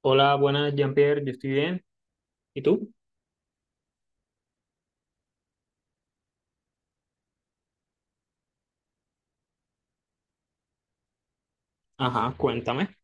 Hola, buenas, Jean-Pierre, yo estoy bien. ¿Y tú? Ajá, cuéntame.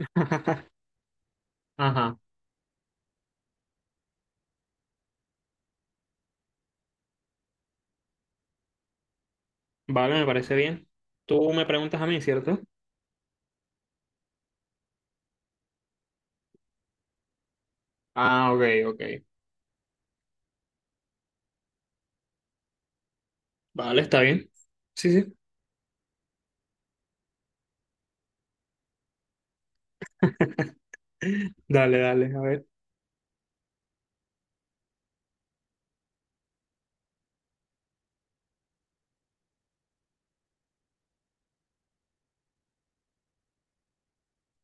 Ajá, vale, me parece bien. Tú me preguntas a mí, ¿cierto? Ah, ok, ok. Vale, está bien. Sí, sí. Dale, dale, a ver,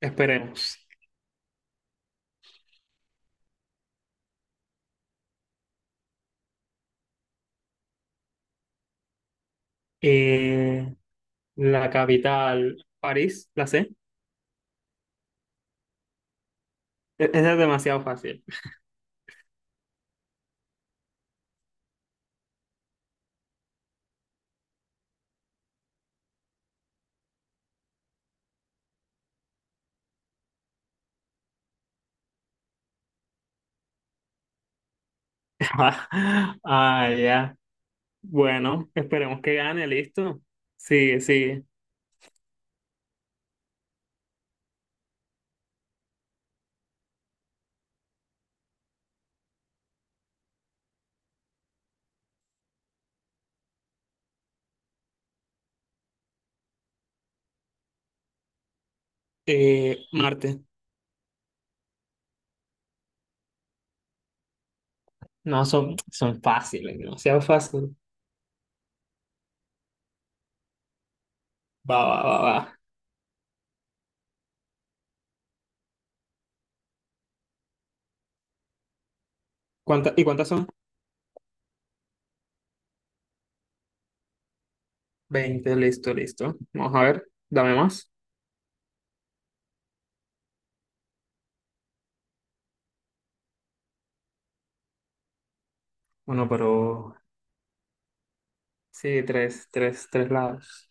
esperemos. Eh, la capital, París, la sé. Esa es demasiado fácil. Ah, ya. Bueno, esperemos que gane, listo. Sigue, sigue. Marte. No, son fáciles, demasiado fácil. Va, va, va, va. ¿Y cuántas son? 20 listo, listo. Vamos a ver, dame más. Bueno, pero sí, tres, tres, tres lados.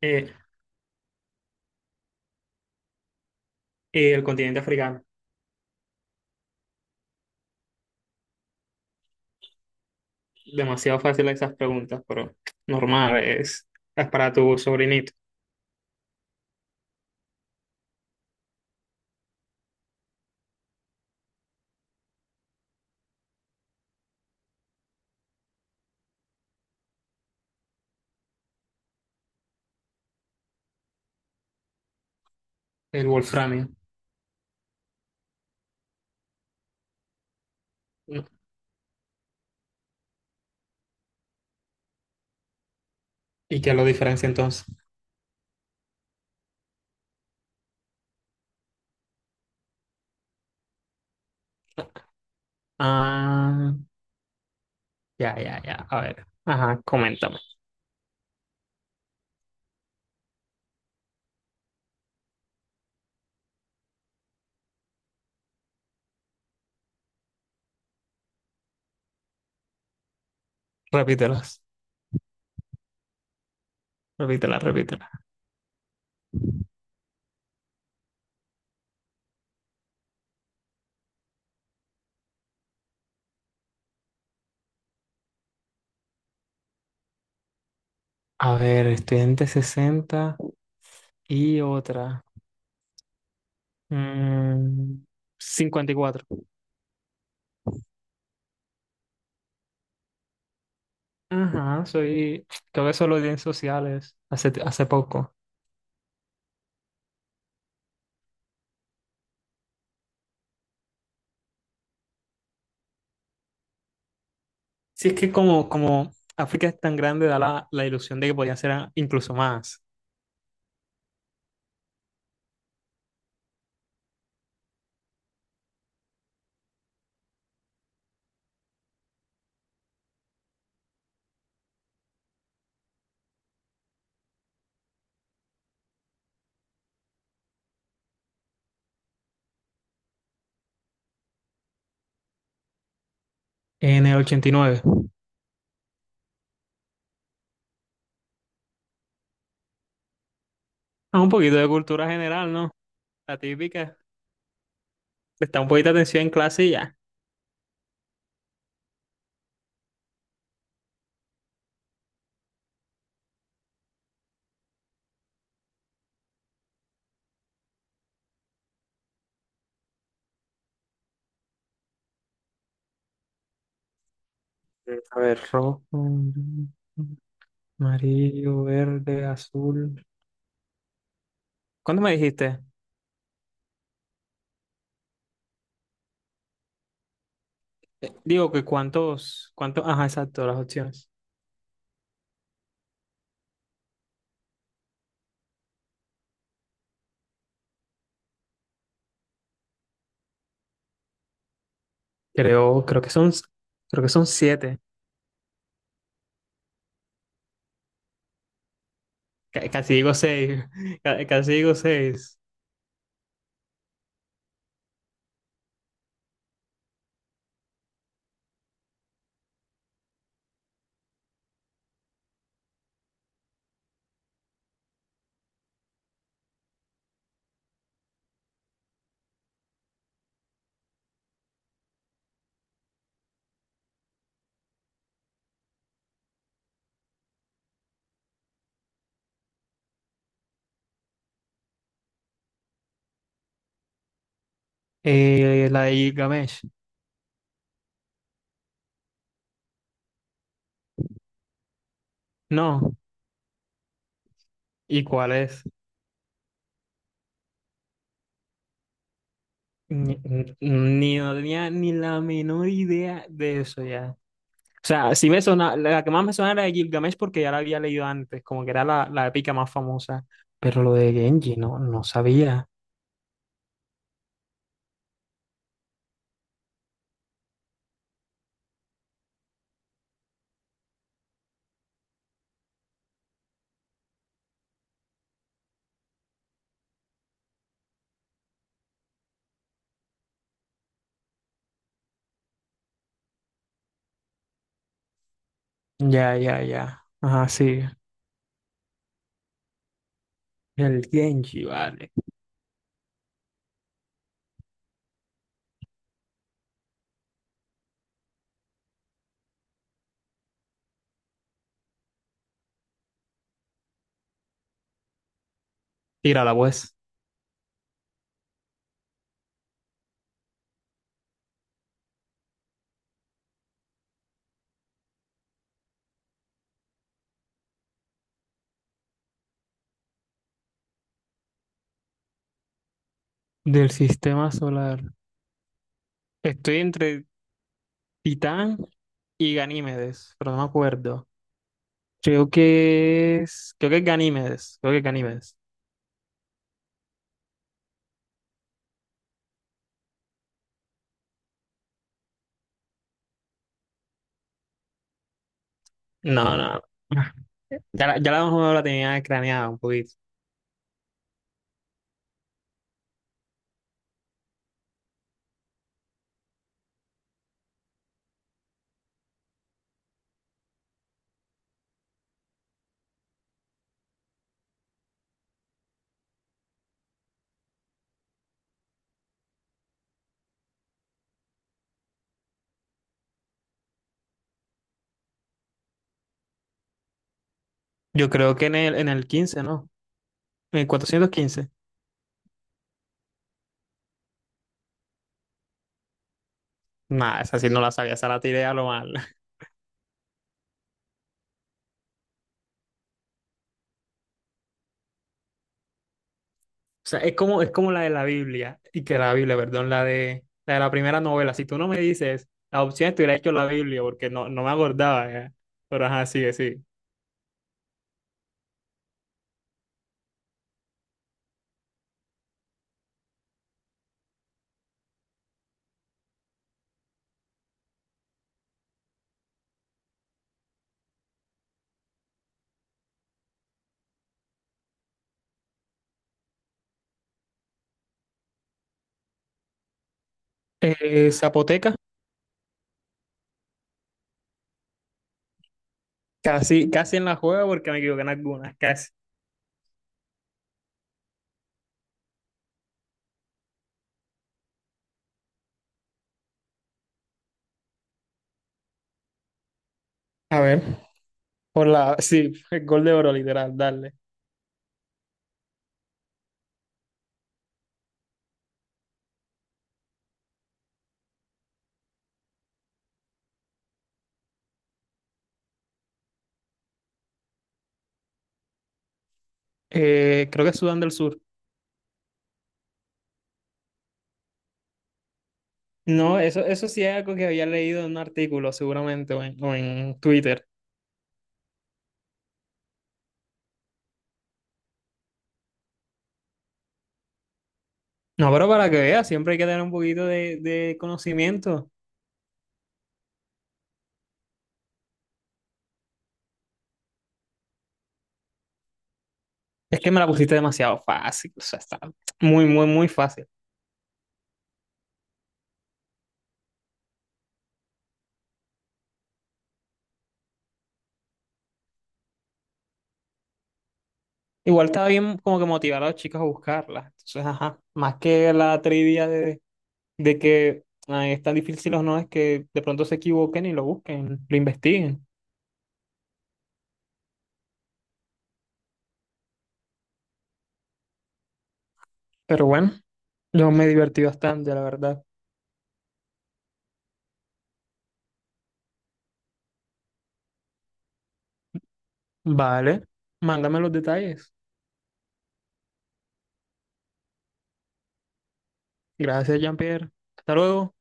Eh, y el continente africano. Demasiado fácil esas preguntas, pero normal, es para tu sobrinito. El wolframio. ¿Y qué lo diferencia entonces? Ah, ya, ya, ya. A ver, ajá, coméntame. Repítelas, repítelas, repítelas. A ver, estudiante 60 y otra. Mm, cincuenta y cuatro. Ajá, soy, creo que solo di en sociales hace poco. Sí, es que como África es tan grande, da la ilusión de que podía ser incluso más. En el 89. Ah, un poquito de cultura general, ¿no? La típica. Presta un poquito de atención en clase y ya. A ver, rojo, amarillo, verde, azul. ¿Cuánto me dijiste? Digo que cuántos, ajá, exacto, las opciones. Creo, creo que son, creo que son siete. Ca- casi digo seis, ca- casi digo seis. La de Gilgamesh. No. ¿Y cuál es? Ni, no tenía ni la menor idea de eso ya. O sea, sí me sona, la que más me sonaba era de Gilgamesh porque ya la había leído antes, como que era la épica más famosa. Pero lo de Genji, no, no sabía. Ya, ya, ya. Ajá, sí. El Genji, vale. Tírala, pues. Del sistema solar. Estoy entre Titán y Ganímedes, pero no me acuerdo. Creo que es. Creo que es Ganímedes. Creo que es Ganímedes. No, no. Ya, ya la más o menos la tenía craneada un poquito. Yo creo que en el quince, ¿no? En el 415. Nada, esa sí no la sabía, esa la tiré a lo mal. O sea, es como la de la Biblia, y que la Biblia, perdón, la de la primera novela. Si tú no me dices la opción, te hubiera hecho la Biblia, porque no, no me acordaba ya. Pero ajá, sigue, sí. Zapoteca, casi, casi en la juega porque me equivoqué en algunas, casi. A ver. Sí, el gol de oro, literal, darle. Creo que es Sudán del Sur. No, eso sí es algo que había leído en un artículo, seguramente, o en Twitter. No, pero para que veas, siempre hay que tener un poquito de conocimiento. Es que me la pusiste demasiado fácil, o sea, está muy, muy, muy fácil. Igual estaba bien como que motivar a los chicos a buscarla. Entonces, ajá, más que la trivia de que ay, es tan difícil o no, es que de pronto se equivoquen y lo busquen, lo investiguen. Pero bueno, yo me divertí bastante, la verdad. Vale, mándame los detalles. Gracias, Jean-Pierre. Hasta luego.